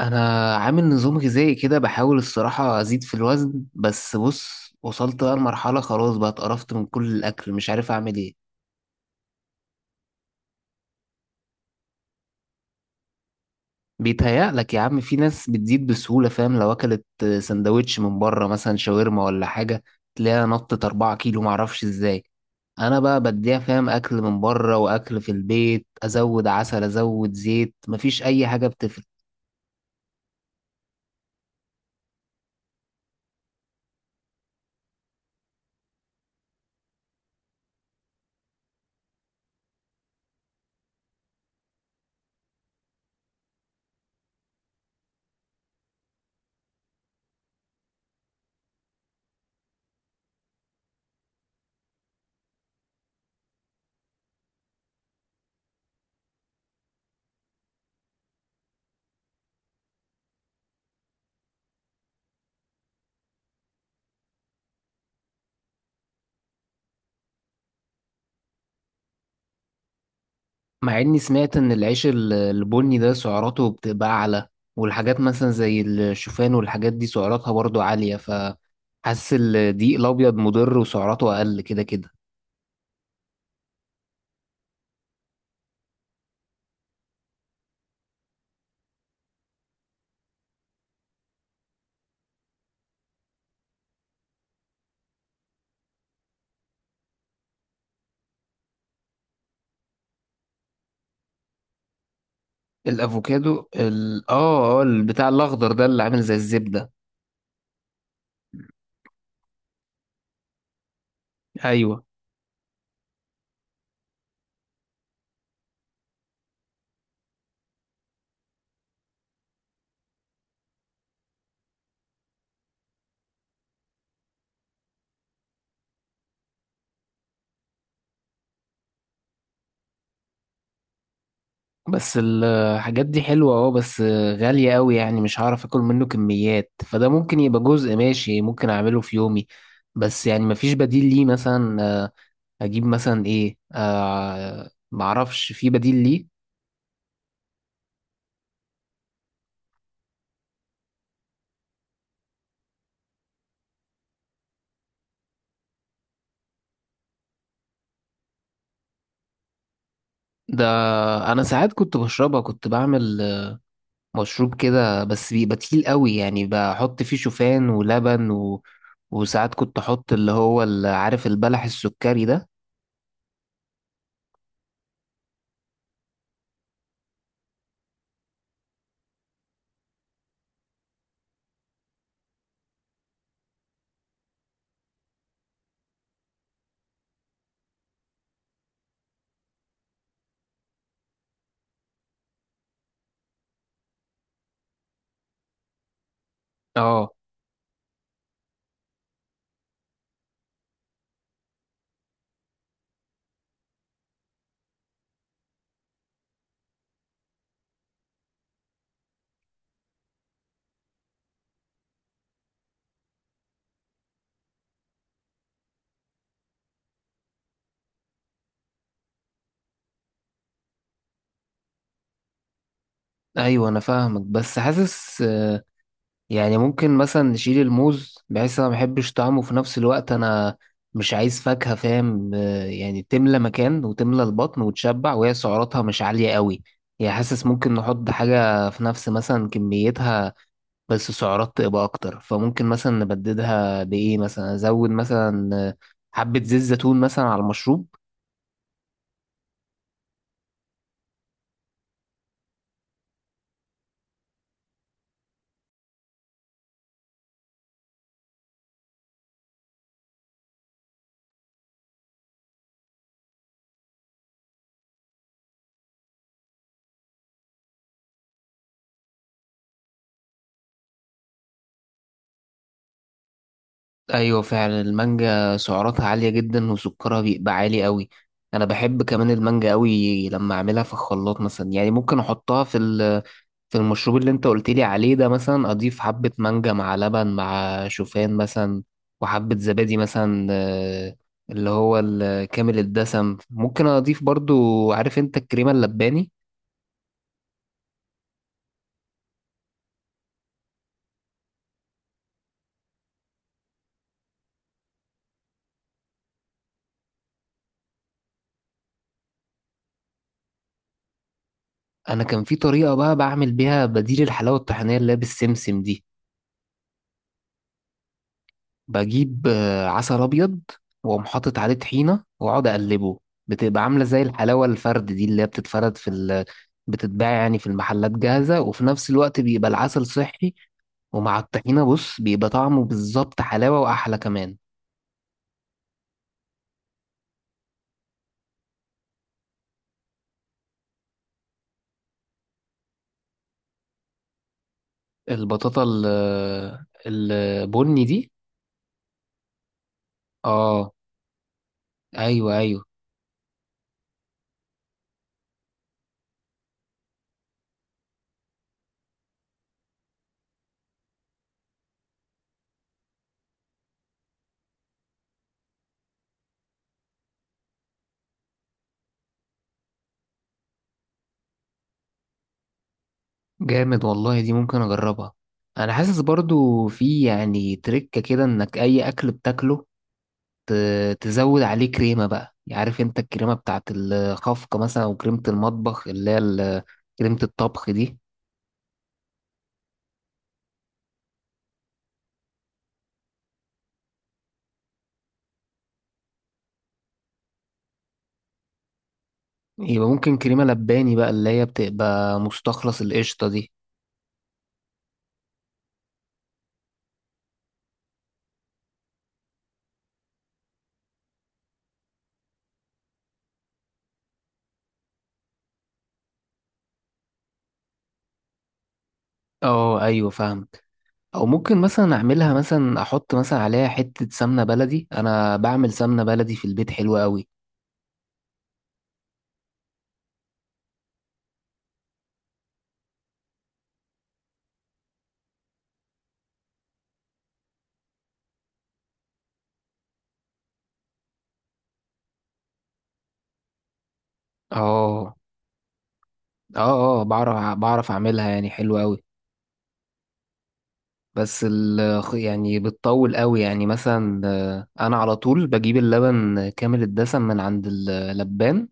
انا عامل نظام غذائي كده، بحاول الصراحة ازيد في الوزن، بس بص وصلت بقى لمرحلة، خلاص بقى اتقرفت من كل الاكل، مش عارف اعمل ايه. بيتهيألك يا عم، في ناس بتزيد بسهولة، فاهم؟ لو اكلت سندوتش من بره مثلا، شاورما ولا حاجة، تلاقيها نطت أربعة كيلو، معرفش ازاي. انا بقى بديها فاهم، اكل من بره واكل في البيت، ازود عسل، ازود زيت، مفيش اي حاجة بتفرق. مع اني سمعت ان العيش البني ده سعراته بتبقى اعلى، والحاجات مثلا زي الشوفان والحاجات دي سعراتها برضو عالية، فحاسس الدقيق الابيض مضر وسعراته اقل كده كده. الافوكادو ال... اه اه البتاع الاخضر ده اللي عامل زي الزبدة، ايوه. بس الحاجات دي حلوة، بس غالية قوي، يعني مش هعرف اكل منه كميات، فده ممكن يبقى جزء، ماشي ممكن اعمله في يومي، بس يعني مفيش بديل ليه مثلا؟ اجيب مثلا ايه؟ معرفش في بديل ليه. ده انا ساعات كنت بشربها، كنت بعمل مشروب كده، بس بيبقى تقيل قوي، يعني بحط فيه شوفان ولبن وساعات كنت احط اللي هو عارف البلح السكري ده. اه، ايوه انا فاهمك، بس حاسس يعني ممكن مثلا نشيل الموز، بحيث انا ما بحبش طعمه، في نفس الوقت انا مش عايز فاكهة، فاهم؟ يعني تملى مكان وتملى البطن وتشبع، وهي سعراتها مش عالية قوي، يعني حاسس ممكن نحط حاجة في نفس مثلا كميتها بس سعرات تبقى اكتر، فممكن مثلا نبددها بايه؟ مثلا ازود مثلا حبة زيت زيتون مثلا على المشروب. ايوه فعلا المانجا سعراتها عالية جدا، وسكرها بيبقى عالي قوي. انا بحب كمان المانجا قوي، لما اعملها في الخلاط مثلا، يعني ممكن احطها في في المشروب اللي انت قلت لي عليه ده، مثلا اضيف حبة مانجا مع لبن مع شوفان مثلا، وحبة زبادي مثلا، اللي هو كامل الدسم، ممكن اضيف برضو، عارف انت الكريمة اللباني. انا كان في طريقة بقى بعمل بيها بديل الحلاوة الطحينية اللي هي بالسمسم دي، بجيب عسل ابيض واقوم حاطط عليه طحينه واقعد اقلبه، بتبقى عامله زي الحلاوه الفرد دي اللي هي بتتفرد في بتتباع يعني في المحلات جاهزه، وفي نفس الوقت بيبقى العسل صحي، ومع الطحينه بص بيبقى طعمه بالظبط حلاوه، واحلى كمان. البطاطا البني دي، اه ايوه ايوه. جامد والله، دي ممكن اجربها. انا حاسس برضو في يعني تريكة كده، انك اي اكل بتاكله تزود عليه كريمة بقى، يعني عارف انت الكريمة بتاعت الخفقة مثلا، او كريمة المطبخ اللي هي كريمة الطبخ دي، يبقى ممكن كريمة لباني بقى اللي هي بتبقى مستخلص القشطة دي. اه ايوه فاهم، او ممكن مثلا اعملها، مثلا احط مثلا عليها حتة سمنة بلدي، انا بعمل سمنة بلدي في البيت حلوة قوي. اه اه اه، بعرف بعرف اعملها، يعني حلوة قوي، بس يعني بتطول قوي، يعني مثلا انا على طول بجيب اللبن كامل الدسم من عند اللبان،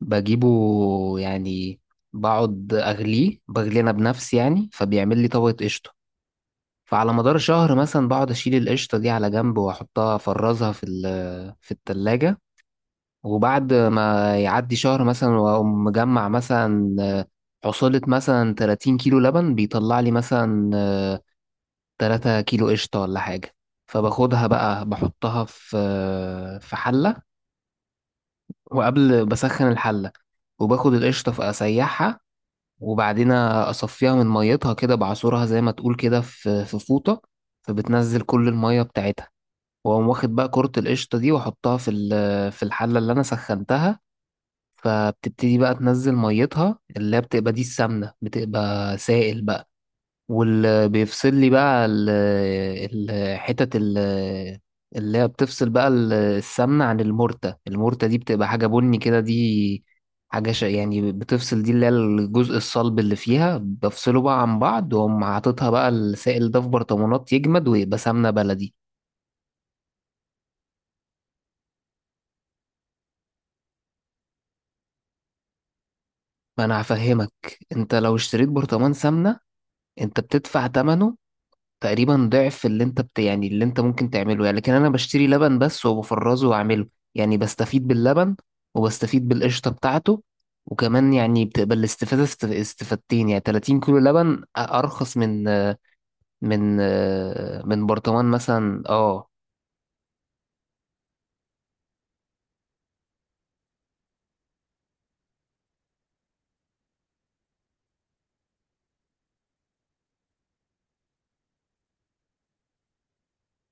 بجيبه يعني، بقعد اغليه بغليه انا بنفسي، يعني فبيعمل لي طبقة قشطة، فعلى مدار شهر مثلا بقعد اشيل القشطة دي على جنب واحطها، افرزها في في التلاجة، وبعد ما يعدي شهر مثلا واقوم مجمع مثلا حصلت مثلا 30 كيلو لبن، بيطلع لي مثلا 3 كيلو قشطة ولا حاجة، فباخدها بقى، بحطها في حلة، وقبل بسخن الحلة، وباخد القشطة فأسيحها، وبعدين أصفيها من ميتها كده، بعصرها زي ما تقول كده في فوطة، فبتنزل كل المية بتاعتها، وأقوم واخد بقى كرة القشطة دي وأحطها في في الحلة اللي أنا سخنتها، فبتبتدي بقى تنزل ميتها اللي هي بتبقى دي السمنة، بتبقى سائل بقى، واللي بيفصل لي بقى حتت اللي هي بتفصل بقى السمنة عن المرتة، المرتة دي بتبقى حاجة بني كده، دي حاجة يعني بتفصل، دي اللي هي الجزء الصلب اللي فيها، بفصله بقى عن بعض، وأقوم حاططها بقى السائل ده في برطمانات، يجمد ويبقى سمنة بلدي. ما أنا هفهمك، أنت لو اشتريت برطمان سمنة، أنت بتدفع تمنه تقريبا ضعف اللي انت يعني اللي انت ممكن تعمله، يعني لكن انا بشتري لبن بس وبفرزه واعمله، يعني بستفيد باللبن وبستفيد بالقشطة بتاعته، وكمان يعني بتبقى الاستفادة استفادتين، يعني 30 كيلو لبن ارخص من من برطمان مثلا، اه.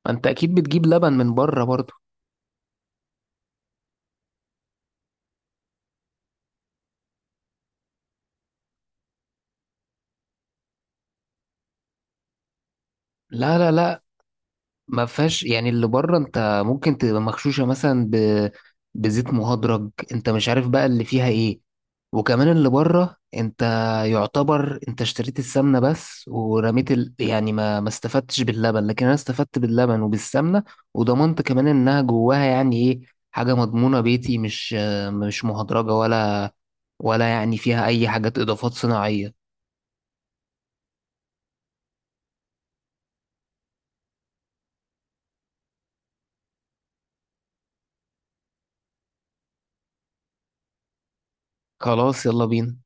ما انت اكيد بتجيب لبن من بره برضه. لا لا لا، ما فيهاش، يعني اللي بره انت ممكن تبقى مغشوشه مثلا بزيت مهدرج، انت مش عارف بقى اللي فيها ايه، وكمان اللي بره انت يعتبر انت اشتريت السمنه بس، ورميت يعني ما استفدتش باللبن، لكن انا استفدت باللبن وبالسمنه، وضمنت كمان انها جواها يعني ايه، حاجه مضمونه بيتي، مش مهدرجه، ولا يعني فيها اي حاجات اضافات صناعيه. خلاص، يلا بينا.